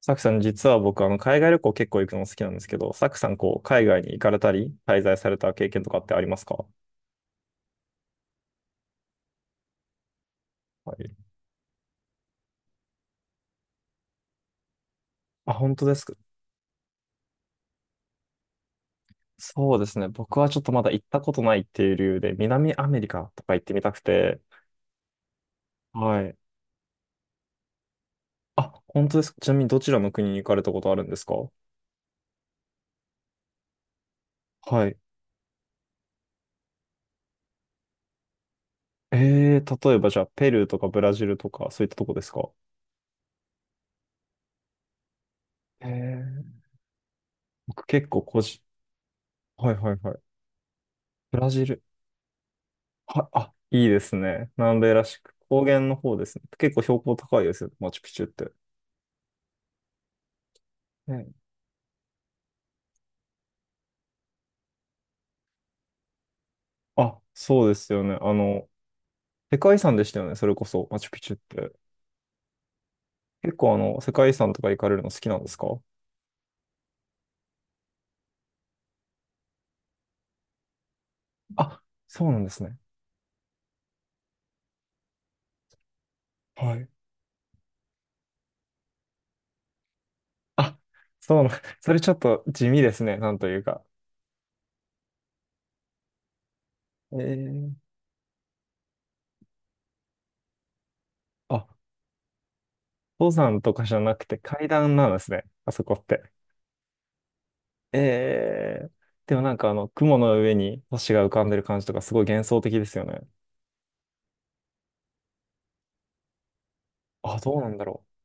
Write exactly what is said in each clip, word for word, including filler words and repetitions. サクさん、実は僕、あの、海外旅行結構行くの好きなんですけど、サクさん、こう、海外に行かれたり、滞在された経験とかってありますか？はい。あ、本当ですか？そうですね。僕はちょっとまだ行ったことないっていう理由で、南アメリカとか行ってみたくて。はい。あ、本当ですか？ちなみにどちらの国に行かれたことあるんですか？はい。えー、例えばじゃあ、ペルーとかブラジルとか、そういったとこですか？えー、僕結構個人、はいはいはい。ブラジル。は、あ、いいですね。南米らしく。高原の方ですね。結構標高高いですよね、マチュピチュって。ね。あ、そうですよね。あの、世界遺産でしたよね、それこそ、マチュピチュって。結構あの、世界遺産とか行かれるの好きなんですか？あ、そうなんですね。はい。あ、そうなん、それちょっと地味ですね、なんというか。えー、あ、登山とかじゃなくて階段なんですね、あそこって。えー、でもなんかあの、雲の上に星が浮かんでる感じとかすごい幻想的ですよね。あ、どうなんだろう。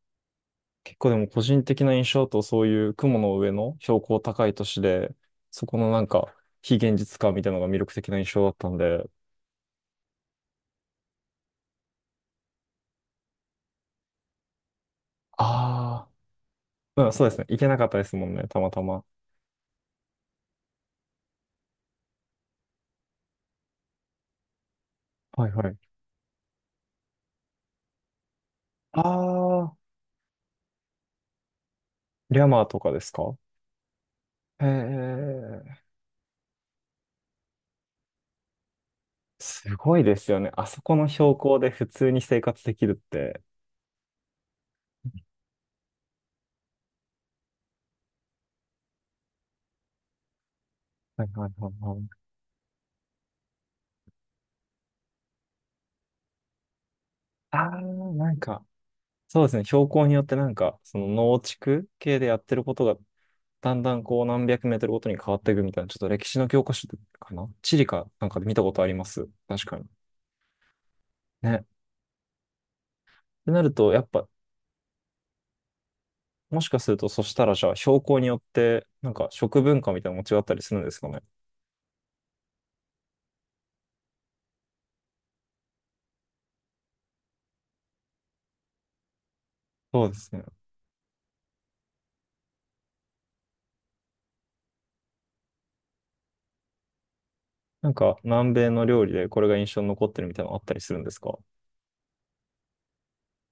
結構でも個人的な印象だとそういう雲の上の標高高い都市で、そこのなんか非現実感みたいなのが魅力的な印象だったんで、ああ、うん、そうですね。行けなかったですもんね、たまたま。はいはい。ああ、リャマーとかですか？へえ、すごいですよね。あそこの標高で普通に生活できるって。はいはいはいはい。ああ、なんか、そうですね。標高によってなんか、その農地区系でやってることがだんだんこうなんびゃくメートルごとに変わっていくみたいな、ちょっと歴史の教科書かな地理かなんかで見たことあります。確かに。ね。ってなると、やっぱ、もしかすると、そしたらじゃあ、標高によって、なんか食文化みたいなのも違ったりするんですかね。そうですね。なんか、南米の料理でこれが印象に残ってるみたいなのあったりするんですか？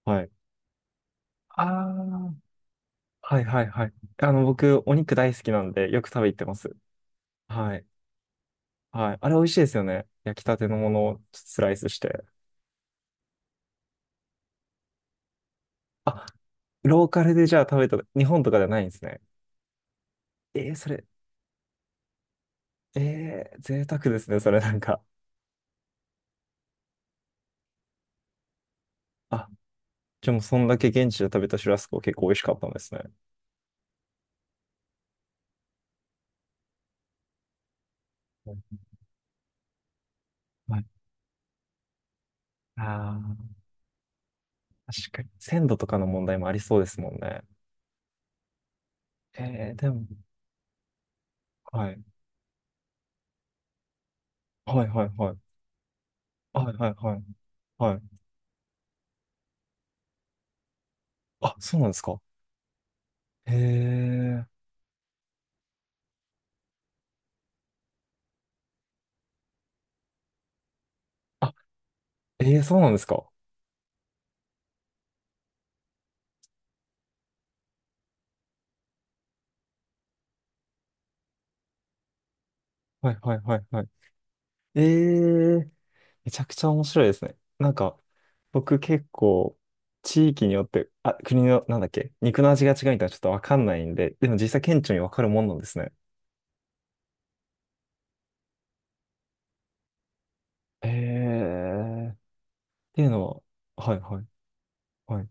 はい。ああ、はいはいはい。あの、僕、お肉大好きなんで、よく食べ行ってます。はい。はい。あれ美味しいですよね。焼きたてのものをスライスして。あ、ローカルでじゃあ食べた、日本とかじゃないんですね。えー、それ、えー、贅沢ですね、それなんか。あ、でもそんだけ現地で食べたシュラスコ結構美味しかったんですね。はい。ああ、確かに。鮮度とかの問題もありそうですもんね。えー、でも、はい。はいはいはい。はいはいはい。はい。あ、そうなんですか？へえ。あ、えー、そうなんですか？はいはいはいはい。ええ。めちゃくちゃ面白いですね。なんか、僕結構、地域によって、あ、国の、なんだっけ、肉の味が違うみたいなちょっとわかんないんで、でも実際顕著にわかるもんなんですね。へえ。っていうのは、はいはいはい。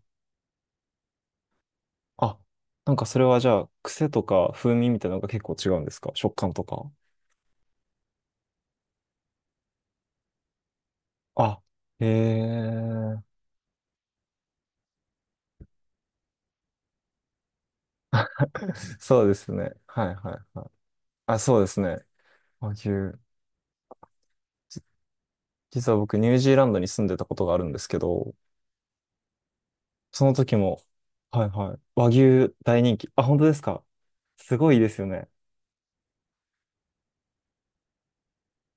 あ、なんかそれはじゃあ、癖とか風味みたいなのが結構違うんですか？食感とか。あ、へえ。そうですね。はいはいはい。あ、そうですね。和牛。じ実は僕、ニュージーランドに住んでたことがあるんですけど、その時も、はいはい。和牛大人気。あ、本当ですか？すごいですよね。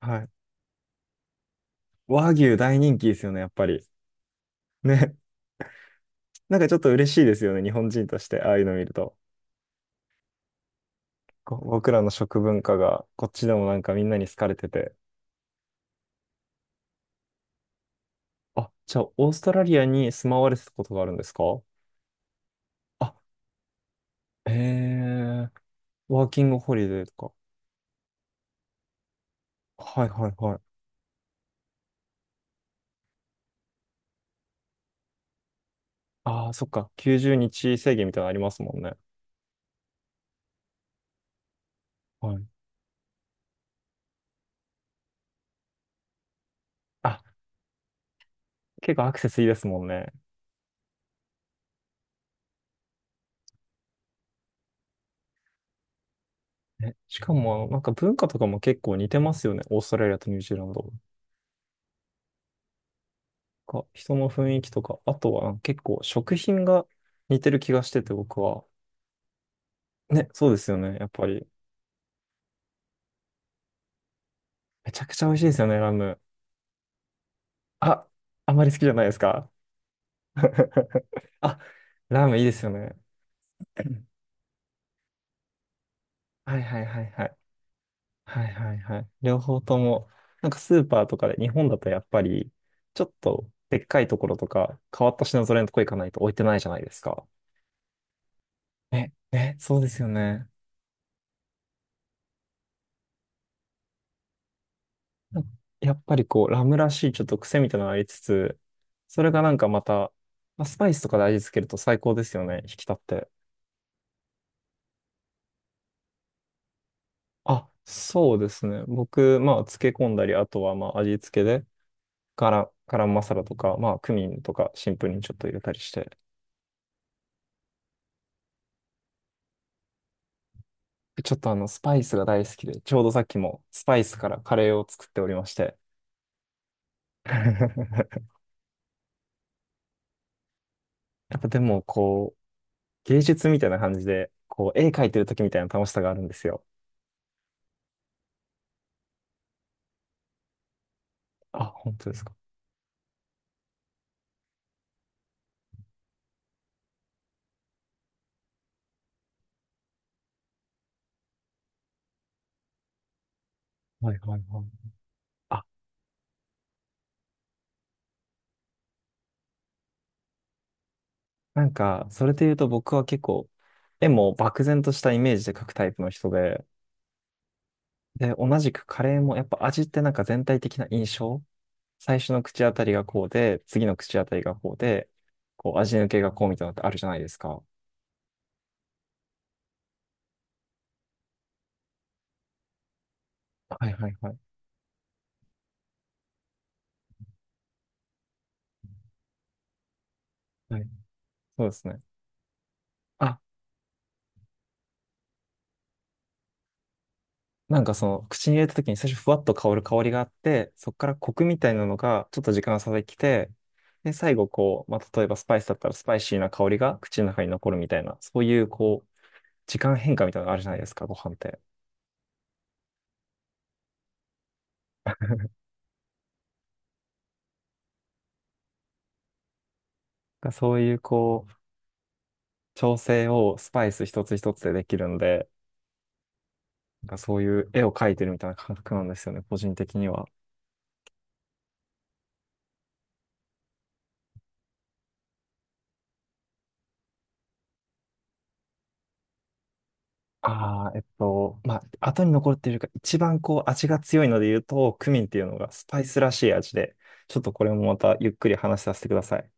はい。和牛大人気ですよね、やっぱり。ね。なんかちょっと嬉しいですよね、日本人として、ああいうの見ると。こ僕らの食文化が、こっちでもなんかみんなに好かれてて。あ、じゃあ、オーストラリアに住まわれてたことがあるんですか？あ、へえ、ワーキングホリデーとか。はいはいはい。ああ、そっか。きゅうじゅうにち制限みたいなのありますもんね。はい。あ、結構アクセスいいですもんね。ね、しかも、なんか文化とかも結構似てますよね。オーストラリアとニュージーランドが。人の雰囲気とか、あとは結構食品が似てる気がしてて、僕は。ね、そうですよね。やっぱり。めちゃくちゃ美味しいですよね、ラム。あ、あまり好きじゃないですか。あ、ラムいいですよね。はいはいはいはい。はいはいはい。両方とも、なんかスーパーとかで、日本だとやっぱり、ちょっとでっかいところとか、変わった品揃えのとこ行かないと置いてないじゃないですか。ね、ね、そうですよね。なんかやっぱりこう、ラムらしいちょっと癖みたいなのがありつつ、それがなんかまた、まあ、スパイスとかで味付けると最高ですよね、引き立って。あ、そうですね。僕、まあ、漬け込んだり、あとはまあ、味付けで、ガラ、ガラムマサラとか、まあ、クミンとか、シンプルにちょっと入れたりして、ちょっとあの、スパイスが大好きで、ちょうどさっきもスパイスからカレーを作っておりまして。やっぱでも、こう、芸術みたいな感じで、こう、絵描いてる時みたいな楽しさがあるんですよ。あ、本当ですか？はいはいはい。あ、なんか、それで言うと僕は結構、絵も漠然としたイメージで描くタイプの人で、で、同じくカレーもやっぱ味ってなんか全体的な印象、最初の口当たりがこうで、次の口当たりがこうで、こう味抜けがこうみたいなのってあるじゃないですか。はいはいはい。はい。そうですね。あ、なんかその、口に入れた時に最初ふわっと香る香りがあって、そこからコクみたいなのがちょっと時間が差できて、で、最後こう、まあ、例えばスパイスだったらスパイシーな香りが口の中に残るみたいな、そういうこう、時間変化みたいなのがあるじゃないですか、ご飯って。なんかそういうこう、調整をスパイス一つ一つでできるんで、なんかそういう絵を描いてるみたいな感覚なんですよね、個人的には。ああ、えっと、まあ、後に残っているか、一番こう味が強いので言うと、クミンっていうのがスパイスらしい味で、ちょっとこれもまたゆっくり話させてください。